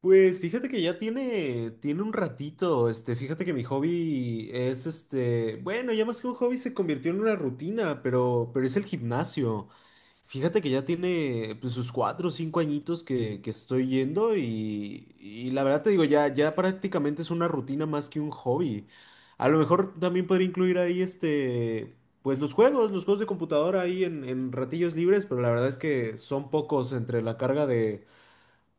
Pues fíjate que ya tiene un ratito, fíjate que mi hobby es bueno, ya más que un hobby se convirtió en una rutina, pero es el gimnasio. Fíjate que ya tiene pues, sus 4 o 5 añitos que estoy yendo y la verdad te digo, ya prácticamente es una rutina más que un hobby. A lo mejor también podría incluir ahí pues los juegos de computadora ahí en ratillos libres, pero la verdad es que son pocos entre la carga de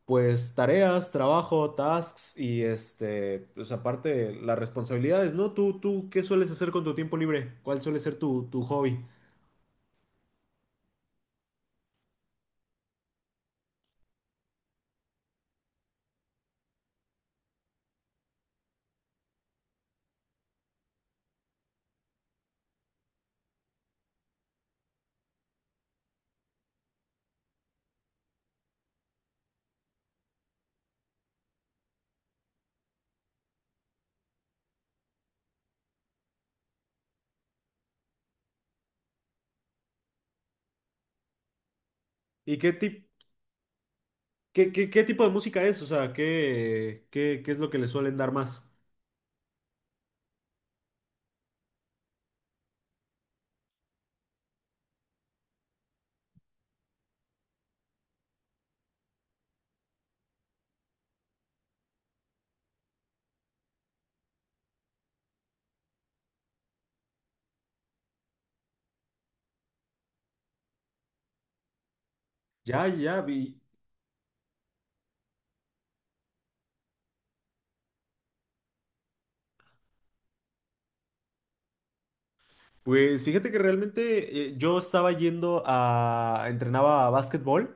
pues tareas, trabajo, tasks y pues aparte las responsabilidades, ¿no? ¿Qué sueles hacer con tu tiempo libre? ¿Cuál suele ser tu hobby? ¿Y qué tipo de música es? O sea, ¿qué es lo que le suelen dar más? Ya, ya vi. Pues fíjate que realmente yo estaba entrenaba a básquetbol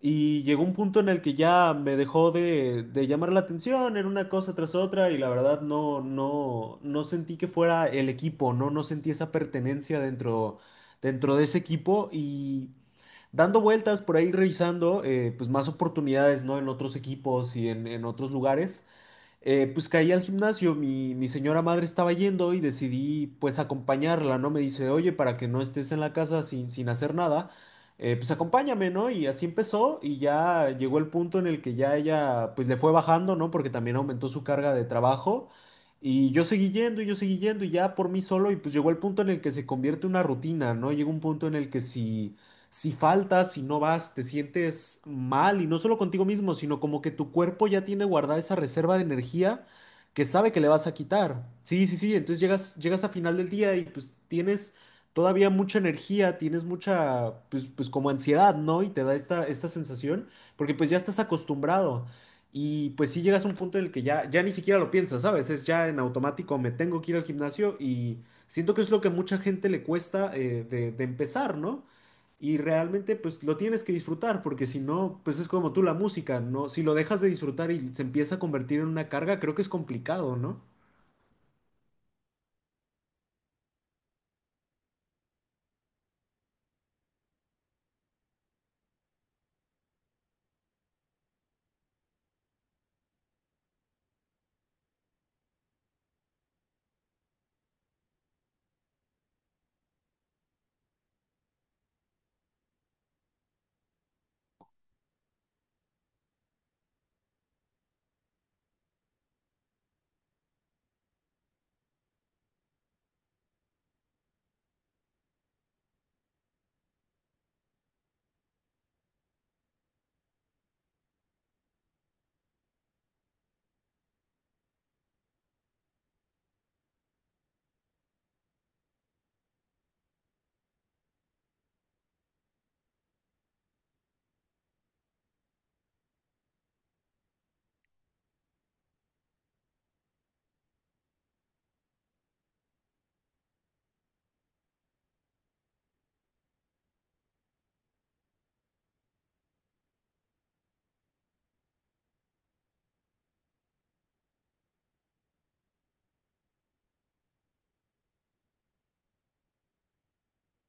y llegó un punto en el que ya me dejó de llamar la atención, era una cosa tras otra y la verdad no sentí que fuera el equipo, no sentí esa pertenencia dentro de ese equipo y dando vueltas por ahí revisando pues más oportunidades, ¿no? En otros equipos y en otros lugares pues caí al gimnasio, mi señora madre estaba yendo y decidí pues acompañarla, ¿no? Me dice, oye, para que no estés en la casa sin hacer nada, pues acompáñame, ¿no? Y así empezó y ya llegó el punto en el que ya ella pues le fue bajando, ¿no? Porque también aumentó su carga de trabajo y yo seguí yendo y yo seguí yendo y ya por mí solo y pues llegó el punto en el que se convierte en una rutina, ¿no? Llegó un punto en el que si faltas, si no vas, te sientes mal y no solo contigo mismo, sino como que tu cuerpo ya tiene guardada esa reserva de energía que sabe que le vas a quitar. Sí, sí, sí, entonces llegas, llegas a final del día y pues tienes todavía mucha energía, tienes mucha, pues, pues como ansiedad, ¿no? Y te da esta, esta sensación, porque pues ya estás acostumbrado. Y pues sí llegas a un punto en el que ya, ya ni siquiera lo piensas, ¿sabes? Es ya en automático, me tengo que ir al gimnasio y siento que es lo que a mucha gente le cuesta de empezar, ¿no? Y realmente pues lo tienes que disfrutar, porque si no, pues es como tú la música, ¿no? Si lo dejas de disfrutar y se empieza a convertir en una carga, creo que es complicado, ¿no?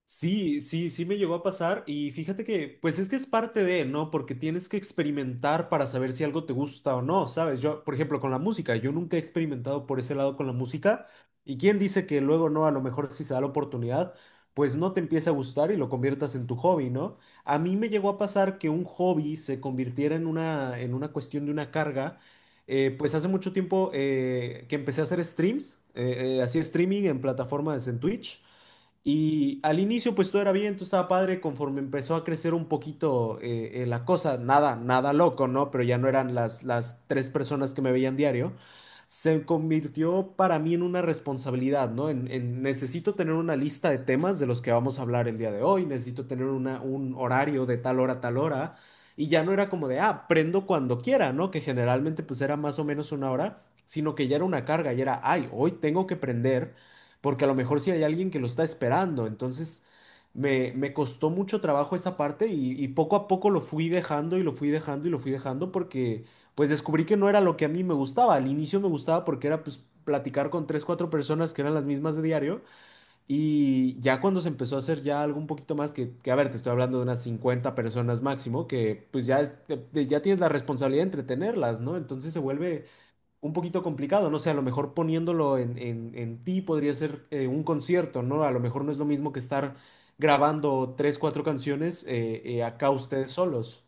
Sí, sí, sí me llegó a pasar y fíjate que, pues es que es parte de, ¿no? Porque tienes que experimentar para saber si algo te gusta o no, ¿sabes? Yo, por ejemplo, con la música, yo nunca he experimentado por ese lado con la música y quién dice que luego no, a lo mejor si se da la oportunidad, pues no te empieza a gustar y lo conviertas en tu hobby, ¿no? A mí me llegó a pasar que un hobby se convirtiera en una cuestión de una carga. Pues hace mucho tiempo que empecé a hacer streams, hacía streaming en plataformas en Twitch. Y al inicio pues todo era bien, todo estaba padre, conforme empezó a crecer un poquito la cosa, nada, nada loco, ¿no? Pero ya no eran las tres personas que me veían diario, se convirtió para mí en una responsabilidad, ¿no? En necesito tener una lista de temas de los que vamos a hablar el día de hoy, necesito tener un horario de tal hora a tal hora, y ya no era como de, ah, prendo cuando quiera, ¿no? Que generalmente pues era más o menos una hora, sino que ya era una carga, y era, ay, hoy tengo que prender porque a lo mejor sí hay alguien que lo está esperando. Entonces me costó mucho trabajo esa parte y poco a poco lo fui dejando y lo fui dejando y lo fui dejando porque pues descubrí que no era lo que a mí me gustaba. Al inicio me gustaba porque era pues platicar con tres, cuatro personas que eran las mismas de diario y ya cuando se empezó a hacer ya algo un poquito más que a ver, te estoy hablando de unas 50 personas máximo, que pues ya, es- te- te- ya tienes la responsabilidad de entretenerlas, ¿no? Entonces se vuelve un poquito complicado, no sé, a lo mejor poniéndolo en, en ti podría ser un concierto, ¿no? A lo mejor no es lo mismo que estar grabando tres, cuatro canciones acá ustedes solos.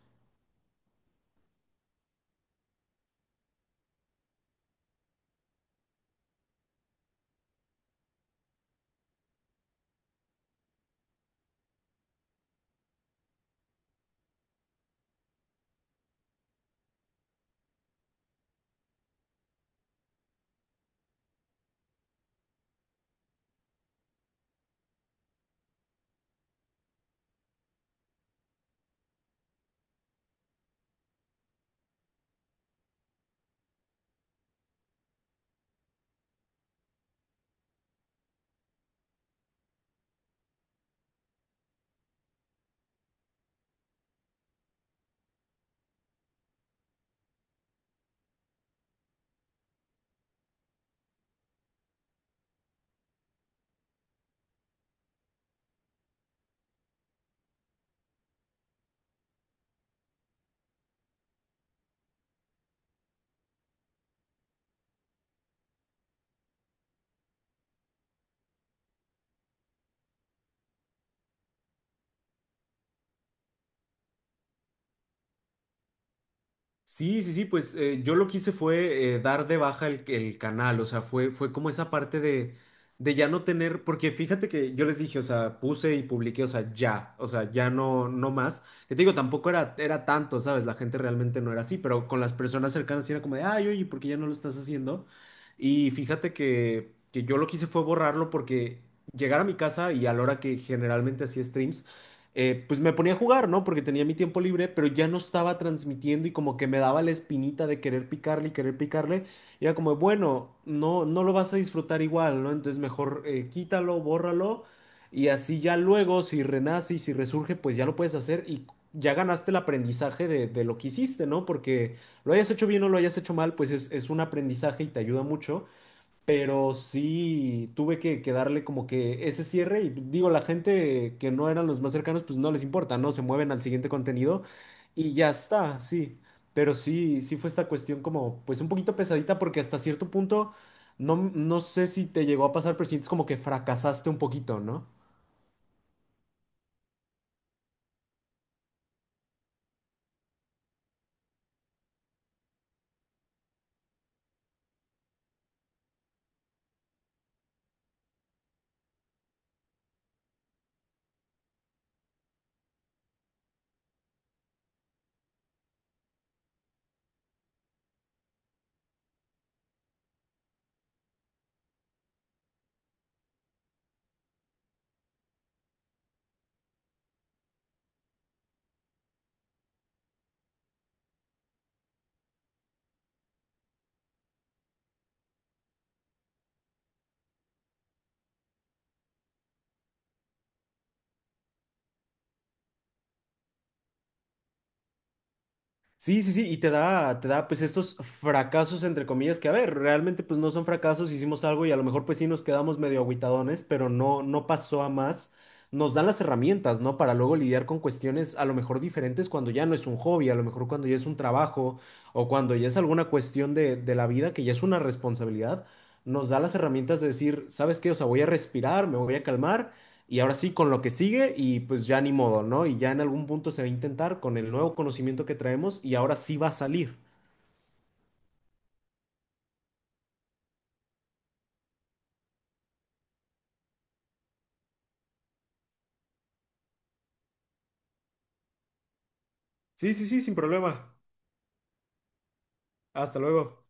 Sí, sí, sí, pues yo lo que hice fue dar de baja el canal, o sea, fue como esa parte de ya no tener, porque fíjate que yo les dije, o sea, puse y publiqué, o sea, ya no, no más. Que te digo, tampoco era, era tanto, ¿sabes? La gente realmente no era así, pero con las personas cercanas sí era como de, ay, oye, ¿por qué ya no lo estás haciendo? Y fíjate que yo lo que hice fue borrarlo porque llegar a mi casa y a la hora que generalmente hacía streams, pues me ponía a jugar, ¿no? Porque tenía mi tiempo libre, pero ya no estaba transmitiendo y como que me daba la espinita de querer picarle. Y era como, bueno, no, no lo vas a disfrutar igual, ¿no? Entonces mejor quítalo, bórralo y así ya luego, si renace y si resurge, pues ya lo puedes hacer y ya ganaste el aprendizaje de lo que hiciste, ¿no? Porque lo hayas hecho bien o lo hayas hecho mal, pues es un aprendizaje y te ayuda mucho. Pero sí tuve que darle como que ese cierre y digo, la gente que no eran los más cercanos, pues no les importa, ¿no? Se mueven al siguiente contenido y ya está, sí. Pero sí, sí fue esta cuestión como, pues un poquito pesadita porque hasta cierto punto, no sé si te llegó a pasar, pero sientes como que fracasaste un poquito, ¿no? Sí, sí, sí, y te da, pues estos fracasos entre comillas que a ver, realmente pues no son fracasos, hicimos algo y a lo mejor pues sí nos quedamos medio agüitadones, pero no, no pasó a más. Nos dan las herramientas, ¿no? Para luego lidiar con cuestiones a lo mejor diferentes cuando ya no es un hobby, a lo mejor cuando ya es un trabajo o cuando ya es alguna cuestión de la vida que ya es una responsabilidad. Nos da las herramientas de decir, ¿sabes qué? O sea, voy a respirar, me voy a calmar y ahora sí, con lo que sigue y pues ya ni modo, ¿no? Y ya en algún punto se va a intentar con el nuevo conocimiento que traemos y ahora sí va a salir. Sí, sí, sí, sin problema. Hasta luego.